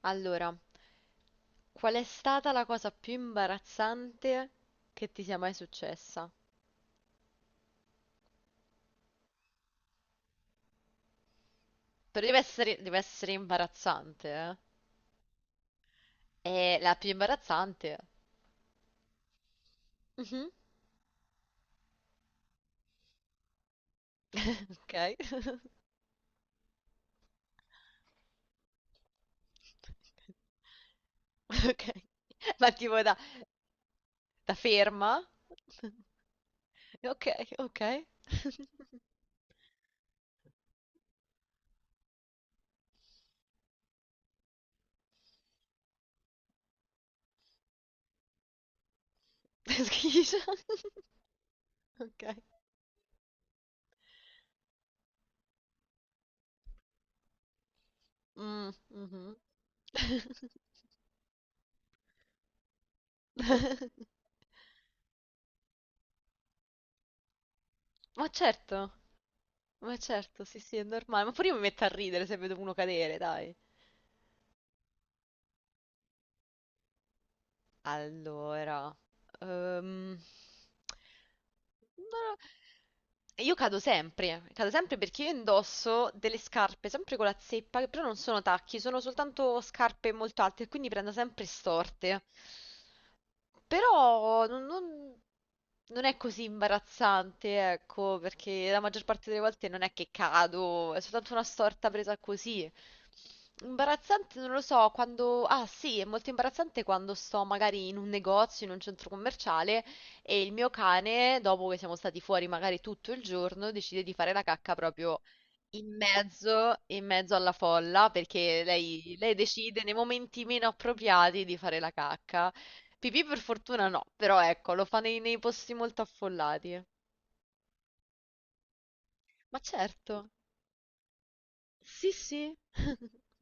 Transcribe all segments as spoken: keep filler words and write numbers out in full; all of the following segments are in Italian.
Allora, qual è stata la cosa più imbarazzante che ti sia mai successa? Però deve essere, deve essere imbarazzante, eh? È la più imbarazzante. Mhm. Ok. Ok. Ma tipo da, da ferma? Ok, ok. Schifo. Ok. Mm, mhm. Ma certo, ma certo, sì, sì, è normale. Ma pure io mi metto a ridere se vedo uno cadere, dai. Allora, ehm, non lo- so. Io cado sempre, cado sempre perché io indosso delle scarpe, sempre con la zeppa, che però non sono tacchi, sono soltanto scarpe molto alte, quindi prendo sempre storte. Però non, non- non è così imbarazzante, ecco, perché la maggior parte delle volte non è che cado, è soltanto una storta presa così. Imbarazzante, non lo so, quando... Ah sì, è molto imbarazzante quando sto magari in un negozio, in un centro commerciale e il mio cane, dopo che siamo stati fuori magari tutto il giorno, decide di fare la cacca proprio in mezzo, in mezzo alla folla, perché lei, lei decide nei momenti meno appropriati di fare la cacca. Pipì per fortuna no, però ecco, lo fa nei, nei posti molto affollati. Ma certo, sì sì.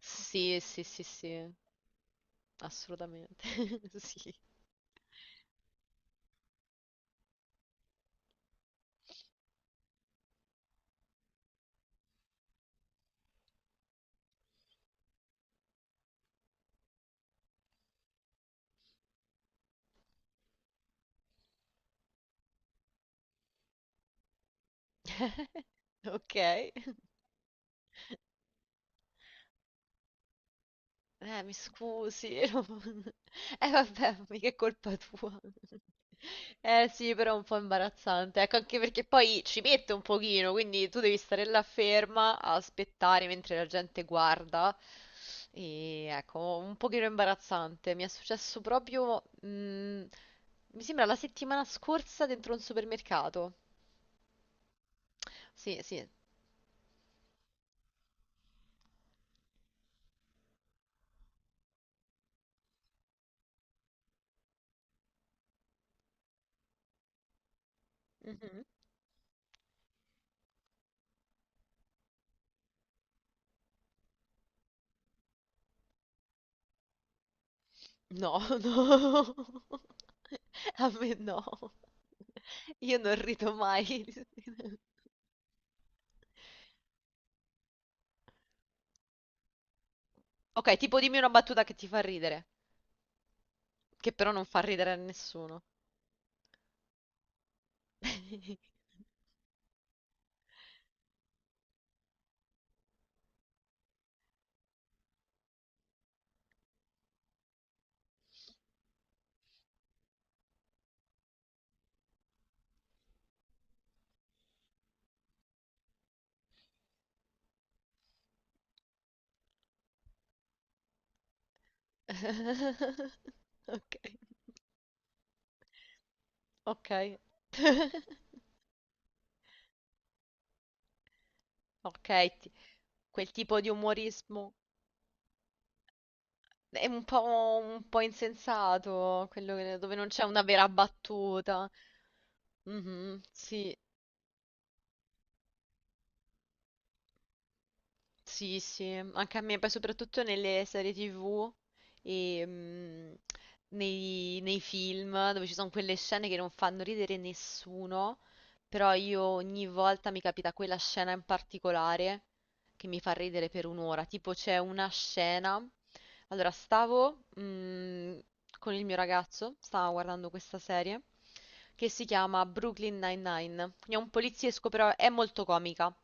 Sì, sì, sì, sì. Assolutamente, sì. Okay. Eh, mi scusi. non- Eh, vabbè, mica è colpa tua. Eh, sì, però è un po' imbarazzante. Ecco, anche perché poi ci mette un pochino, quindi tu devi stare là ferma a aspettare mentre la gente guarda. E ecco, un pochino imbarazzante. Mi è successo proprio, mh, mi sembra la settimana scorsa dentro un supermercato. Sì, sì. Mhm. No, no. A me no. Io non rido mai. Ok, tipo dimmi una battuta che ti fa ridere, che però non fa ridere a nessuno. Ok, ok. Ok, ti- quel tipo di umorismo è un po', un po' insensato, quello che- dove non c'è una vera battuta. Mhm, sì. Sì, sì, anche a me, poi soprattutto nelle serie ti vu e mm, nei, nei film dove ci sono quelle scene che non fanno ridere nessuno, però io ogni volta mi capita quella scena in particolare che mi fa ridere per un'ora, tipo c'è una scena, allora stavo mm, con il mio ragazzo, stavo guardando questa serie che si chiama Brooklyn Nine-Nine, quindi è un poliziesco però è molto comica.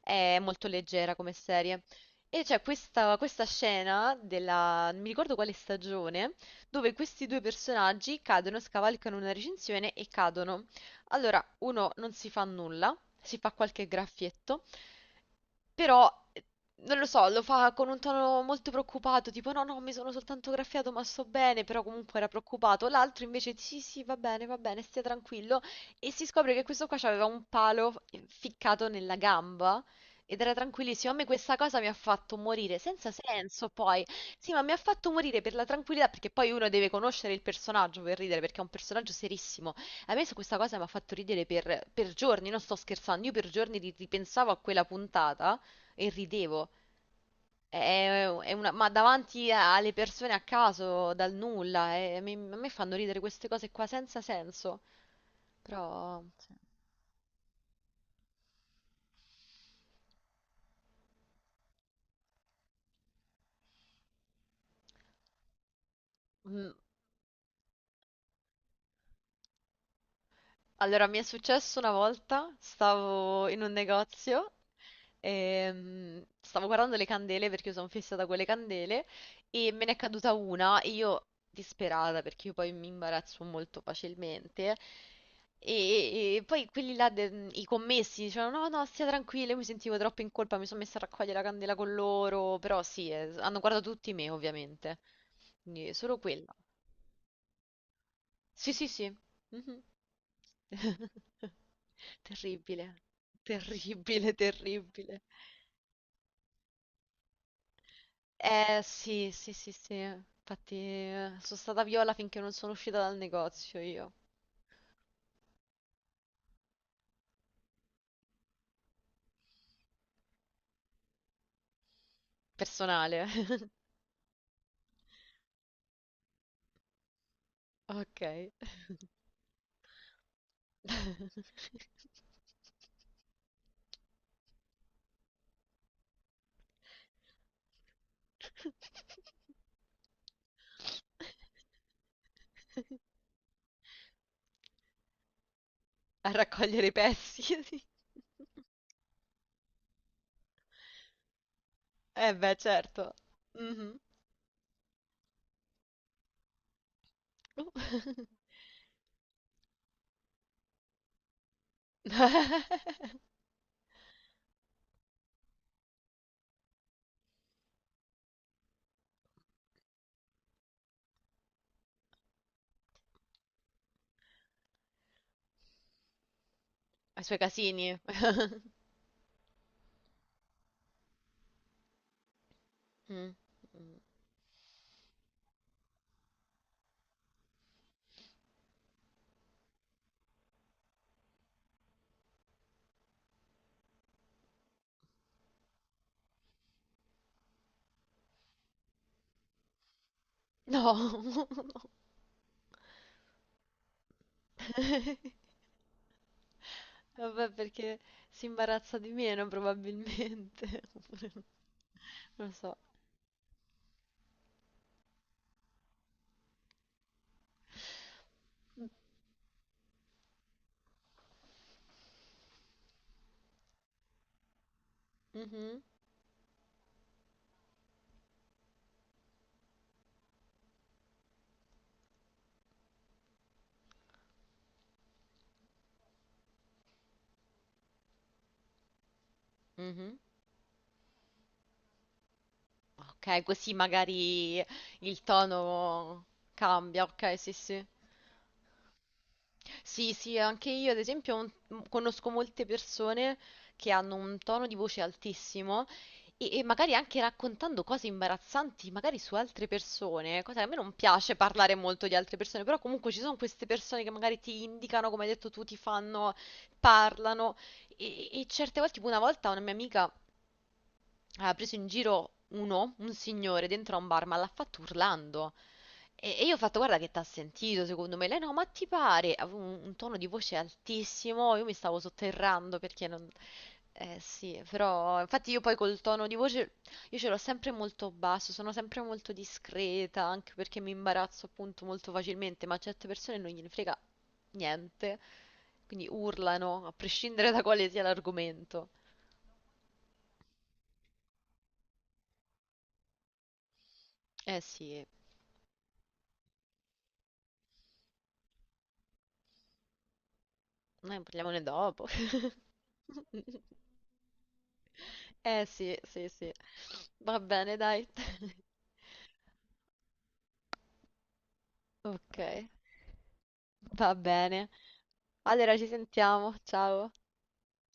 È molto leggera come serie. E c'è questa, questa scena della, non mi ricordo quale stagione, dove questi due personaggi cadono, scavalcano una recinzione e cadono. Allora, uno non si fa nulla, si fa qualche graffietto, però, eh, non lo so, lo fa con un tono molto preoccupato, tipo no, no, mi sono soltanto graffiato, ma sto bene, però comunque era preoccupato. L'altro invece, sì, sì, va bene, va bene, stia tranquillo. E si scopre che questo qua aveva un palo eh, ficcato nella gamba ed era tranquillissimo. A me questa cosa mi ha fatto morire, senza senso poi. Sì, ma mi ha fatto morire per la tranquillità, perché poi uno deve conoscere il personaggio per ridere, perché è un personaggio serissimo. A me su questa cosa mi ha fatto ridere per, per giorni, non sto scherzando, io per giorni ri- ripensavo a quella puntata. E ridevo. È- è una- ma davanti a- alle persone a caso, dal nulla. E mi- a me fanno ridere queste cose qua senza senso. Però... mm, allora, mi è successo una volta, stavo in un negozio e mm, stavo guardando le candele perché io sono fissata con le candele e me ne è caduta una e io disperata perché io poi mi imbarazzo molto facilmente e, e poi quelli là, de- i commessi dicevano no no stia tranquilla, io mi sentivo troppo in colpa, mi sono messa a raccogliere la candela con loro, però sì, eh, hanno guardato tutti me ovviamente, quindi solo quella. Sì, sì, sì. Mh-mh. Terribile, terribile, terribile. Eh sì, sì, sì, sì. Infatti, eh, sono stata viola finché non sono uscita dal negozio io, personale. Ok. A raccogliere i pezzi, sì. Eh beh, certo. Mhm. Uh. Ai suoi casini. Mm. Mm. No. Vabbè, perché si imbarazza di meno probabilmente. Non lo so. Mhm. Mhm. Ok, così magari il tono cambia. Ok, sì, sì. Sì, sì, anche io ad esempio un- m- conosco molte persone che hanno un tono di voce altissimo e, e magari anche raccontando cose imbarazzanti, magari su altre persone, cosa che a me non piace parlare molto di altre persone, però comunque ci sono queste persone che magari ti indicano, come hai detto tu, ti fanno, parlano e, e certe volte, tipo una volta una mia amica ha preso in giro uno, un signore, dentro a un bar, ma l'ha fatto urlando. E e io ho fatto, guarda che t'ha sentito, secondo me. Lei no, ma ti pare? Avevo un, un tono di voce altissimo, io mi stavo sotterrando perché non... Eh sì, però infatti io poi col tono di voce, io ce l'ho sempre molto basso, sono sempre molto discreta, anche perché mi imbarazzo appunto molto facilmente, ma a certe persone non gliene frega niente, quindi urlano, a prescindere da quale sia l'argomento. Eh sì, noi parliamone dopo. Eh sì, sì, sì. Va bene, dai. Ok, va bene. Allora ci sentiamo, ciao.